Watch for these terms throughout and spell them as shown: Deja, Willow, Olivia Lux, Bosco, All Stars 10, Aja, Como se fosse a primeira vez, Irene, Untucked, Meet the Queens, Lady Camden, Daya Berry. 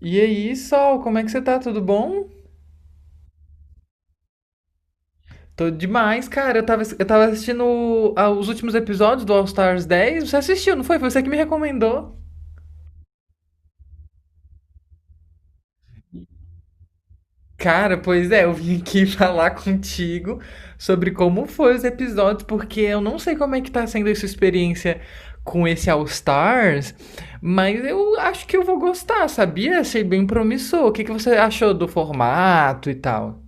E aí, Sol, como é que você tá? Tudo bom? Tô demais, cara. Eu tava assistindo os últimos episódios do All Stars 10. Você assistiu, não foi? Foi você que me recomendou. Cara, pois é, eu vim aqui falar contigo sobre como foi os episódios, porque eu não sei como é que tá sendo essa experiência com esse All Stars, mas eu acho que eu vou gostar, sabia? Achei bem promissor. O que que você achou do formato e tal?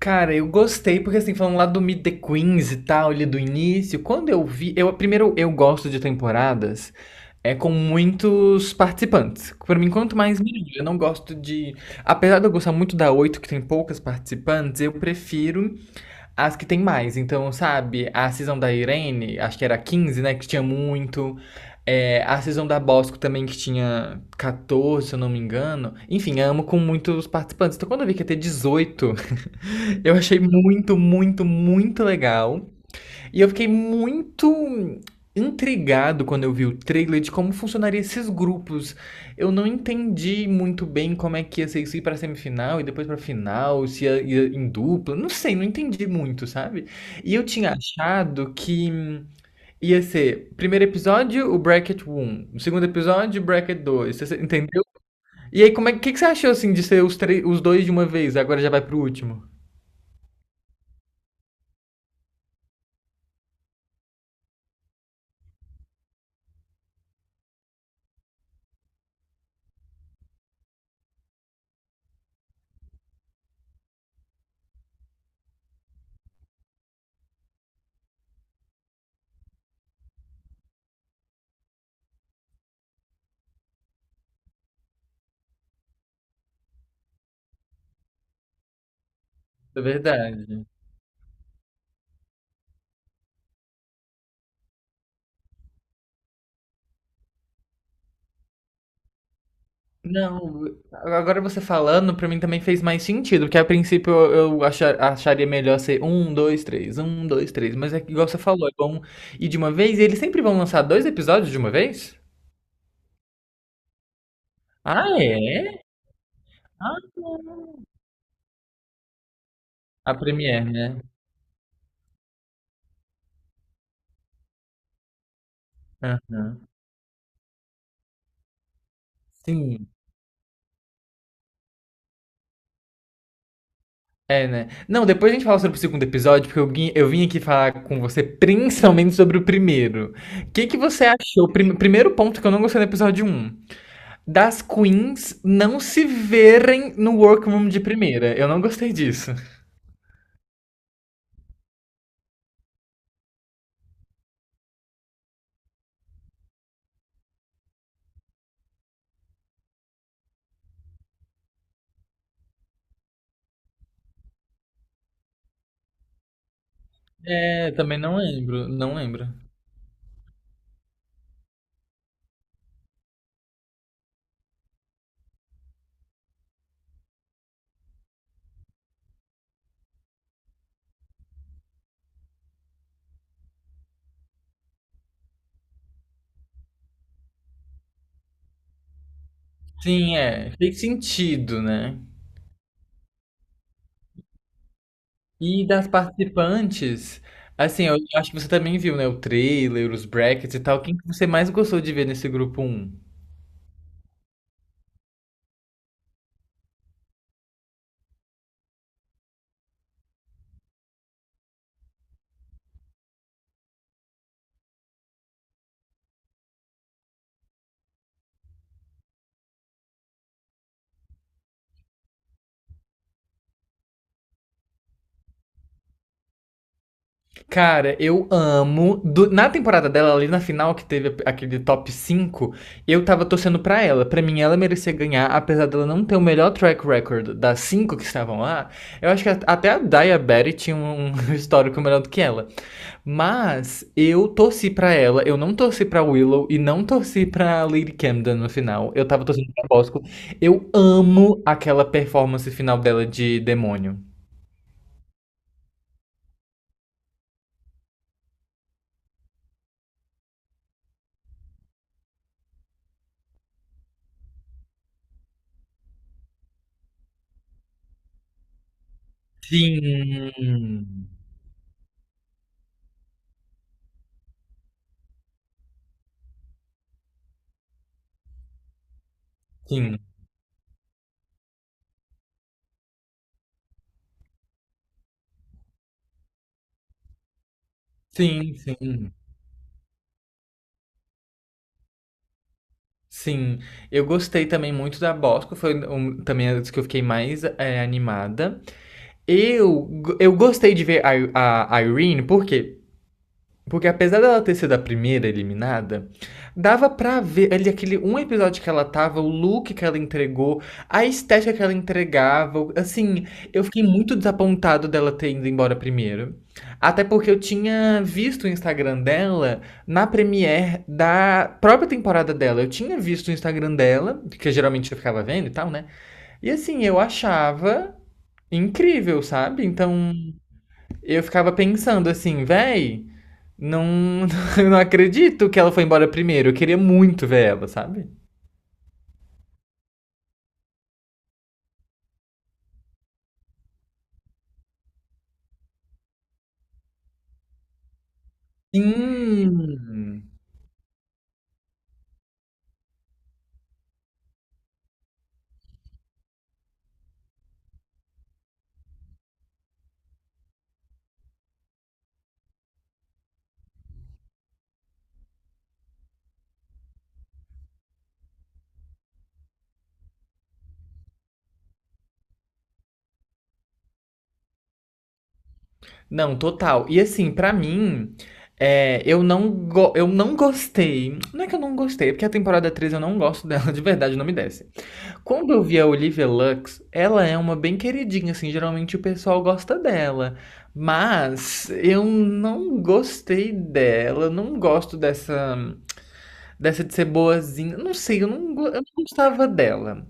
Cara, eu gostei, porque assim, falando lá do Meet the Queens e tal, ali do início, quando eu vi. Eu, primeiro, eu gosto de temporadas é com muitos participantes. Pra mim, quanto mais melhor. Eu não gosto de. Apesar de eu gostar muito da 8 que tem poucas participantes, eu prefiro as que tem mais. Então, sabe, a season da Irene, acho que era quinze, né? Que tinha muito. É, a season da Bosco também, que tinha 14, se eu não me engano. Enfim, amo com muitos participantes. Então, quando eu vi que ia ter dezoito, eu achei muito, muito, muito legal. E eu fiquei muito intrigado quando eu vi o trailer de como funcionaria esses grupos. Eu não entendi muito bem como é que ia ser isso ir pra semifinal e depois pra final, se ia em dupla. Não sei, não entendi muito, sabe? E eu tinha achado que ia ser primeiro episódio, o bracket 1, o segundo episódio, o bracket dois. Você entendeu? E aí, como é que você achou assim de ser os dois de uma vez? Agora já vai pro último. É verdade. Não, agora você falando, pra mim também fez mais sentido, porque a princípio eu acharia melhor ser um, dois, três, mas é que igual você falou, é bom ir de uma vez, e eles sempre vão lançar dois episódios de uma vez? Ah, é? Ah, é. A Premiere, né? Aham. Sim. É, né? Não, depois a gente fala sobre o segundo episódio, porque eu, eu vim aqui falar com você principalmente sobre o primeiro. O que que você achou? Primeiro ponto que eu não gostei do episódio um? Das queens não se verem no workroom de primeira. Eu não gostei disso. É, também não lembro, não lembro. Sim, é, fez sentido, né? E das participantes, assim, eu acho que você também viu, né, o trailer, os brackets e tal. Quem que você mais gostou de ver nesse grupo um? Cara, eu amo. Na temporada dela, ali na final, que teve aquele top 5, eu tava torcendo pra ela. Pra mim, ela merecia ganhar, apesar dela não ter o melhor track record das cinco que estavam lá. Eu acho que até a Daya Berry tinha um histórico melhor do que ela. Mas eu torci pra ela, eu não torci pra Willow e não torci pra Lady Camden no final. Eu tava torcendo pra Bosco. Eu amo aquela performance final dela de demônio. Sim. Sim. Sim, sim. Sim. Eu gostei também muito da Bosco, foi um, também as que eu fiquei mais animada. Eu, eu gostei de ver a Irene, por quê? Porque apesar dela ter sido a primeira eliminada, dava pra ver ali aquele um episódio que ela tava, o look que ela entregou, a estética que ela entregava. Assim, eu fiquei muito desapontado dela ter ido embora primeiro. Até porque eu tinha visto o Instagram dela na premiere da própria temporada dela. Eu tinha visto o Instagram dela, que geralmente eu ficava vendo e tal, né? E assim, eu achava incrível, sabe? Então. Eu ficava pensando assim, véi, não, não acredito que ela foi embora primeiro. Eu queria muito ver ela, sabe? Sim. Não, total. E assim, pra mim, é, eu eu não gostei. Não é que eu não gostei, é porque a temporada 3 eu não gosto dela, de verdade, não me desce. Quando eu vi a Olivia Lux, ela é uma bem queridinha, assim, geralmente o pessoal gosta dela. Mas eu não gostei dela, não gosto dessa. Dessa de ser boazinha. Não sei, eu não gostava dela.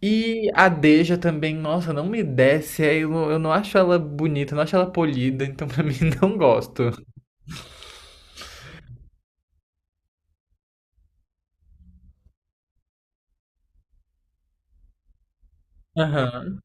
E a Deja também, nossa, não me desce. Aí eu, eu não acho ela bonita, eu não acho ela polida, então pra mim não gosto. Aham.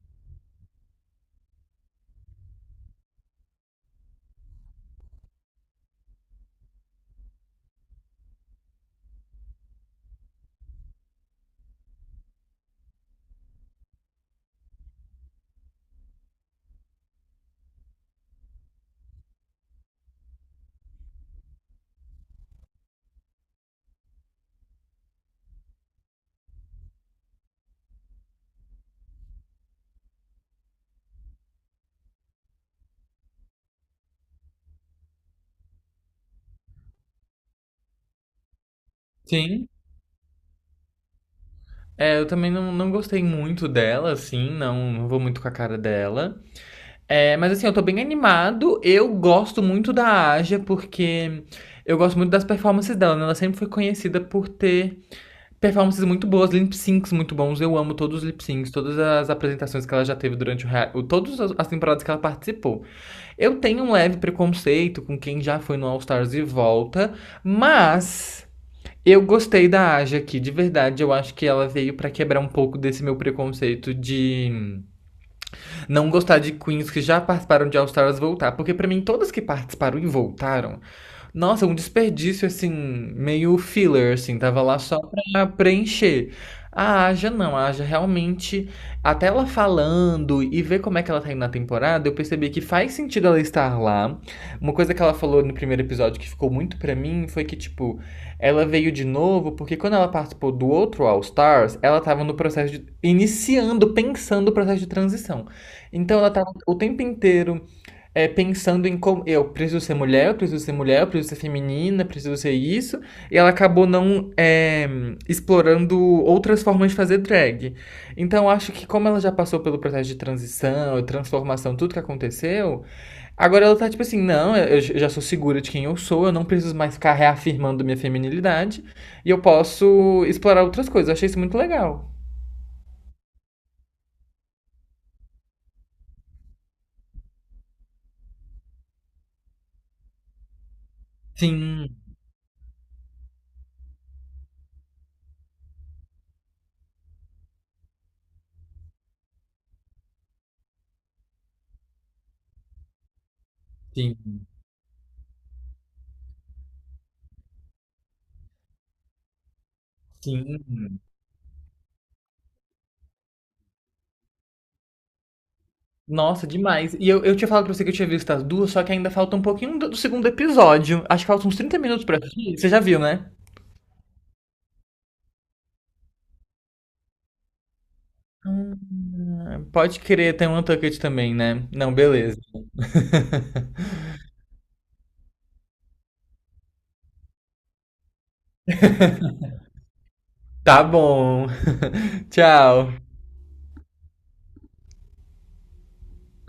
Sim. É, eu também não, não gostei muito dela, assim, não, não vou muito com a cara dela. É, mas assim, eu tô bem animado. Eu gosto muito da Aja, porque eu gosto muito das performances dela, né? Ela sempre foi conhecida por ter performances muito boas, lip syncs muito bons. Eu amo todos os lip syncs, todas as apresentações que ela já teve durante todas as temporadas que ela participou. Eu tenho um leve preconceito com quem já foi no All Stars e volta, mas eu gostei da Aja aqui, de verdade. Eu acho que ela veio pra quebrar um pouco desse meu preconceito de não gostar de queens que já participaram de All Stars voltar, porque pra mim todas que participaram e voltaram, nossa, um desperdício assim, meio filler, assim, tava lá só pra preencher. A Aja não, a Aja realmente, até ela falando e ver como é que ela tá indo na temporada, eu percebi que faz sentido ela estar lá. Uma coisa que ela falou no primeiro episódio que ficou muito pra mim foi que, tipo, ela veio de novo porque quando ela participou do outro All Stars, ela tava no processo de, iniciando, pensando o processo de transição. Então ela tava o tempo inteiro pensando em como eu preciso ser mulher, eu preciso ser mulher, eu preciso ser feminina, eu preciso ser isso, e ela acabou não é, explorando outras formas de fazer drag. Então eu acho que como ela já passou pelo processo de transição, transformação, tudo que aconteceu, agora ela tá tipo assim, não, eu já sou segura de quem eu sou, eu não preciso mais ficar reafirmando minha feminilidade, e eu posso explorar outras coisas. Eu achei isso muito legal. Sim, sim, sim. Nossa, demais. E eu tinha falado pra você que eu tinha visto as duas, só que ainda falta um pouquinho do segundo episódio. Acho que falta uns 30 minutos pra assistir. Você já viu, né? Ah, pode crer, tem um Untucked também, né? Não, beleza. Tá bom. Tchau.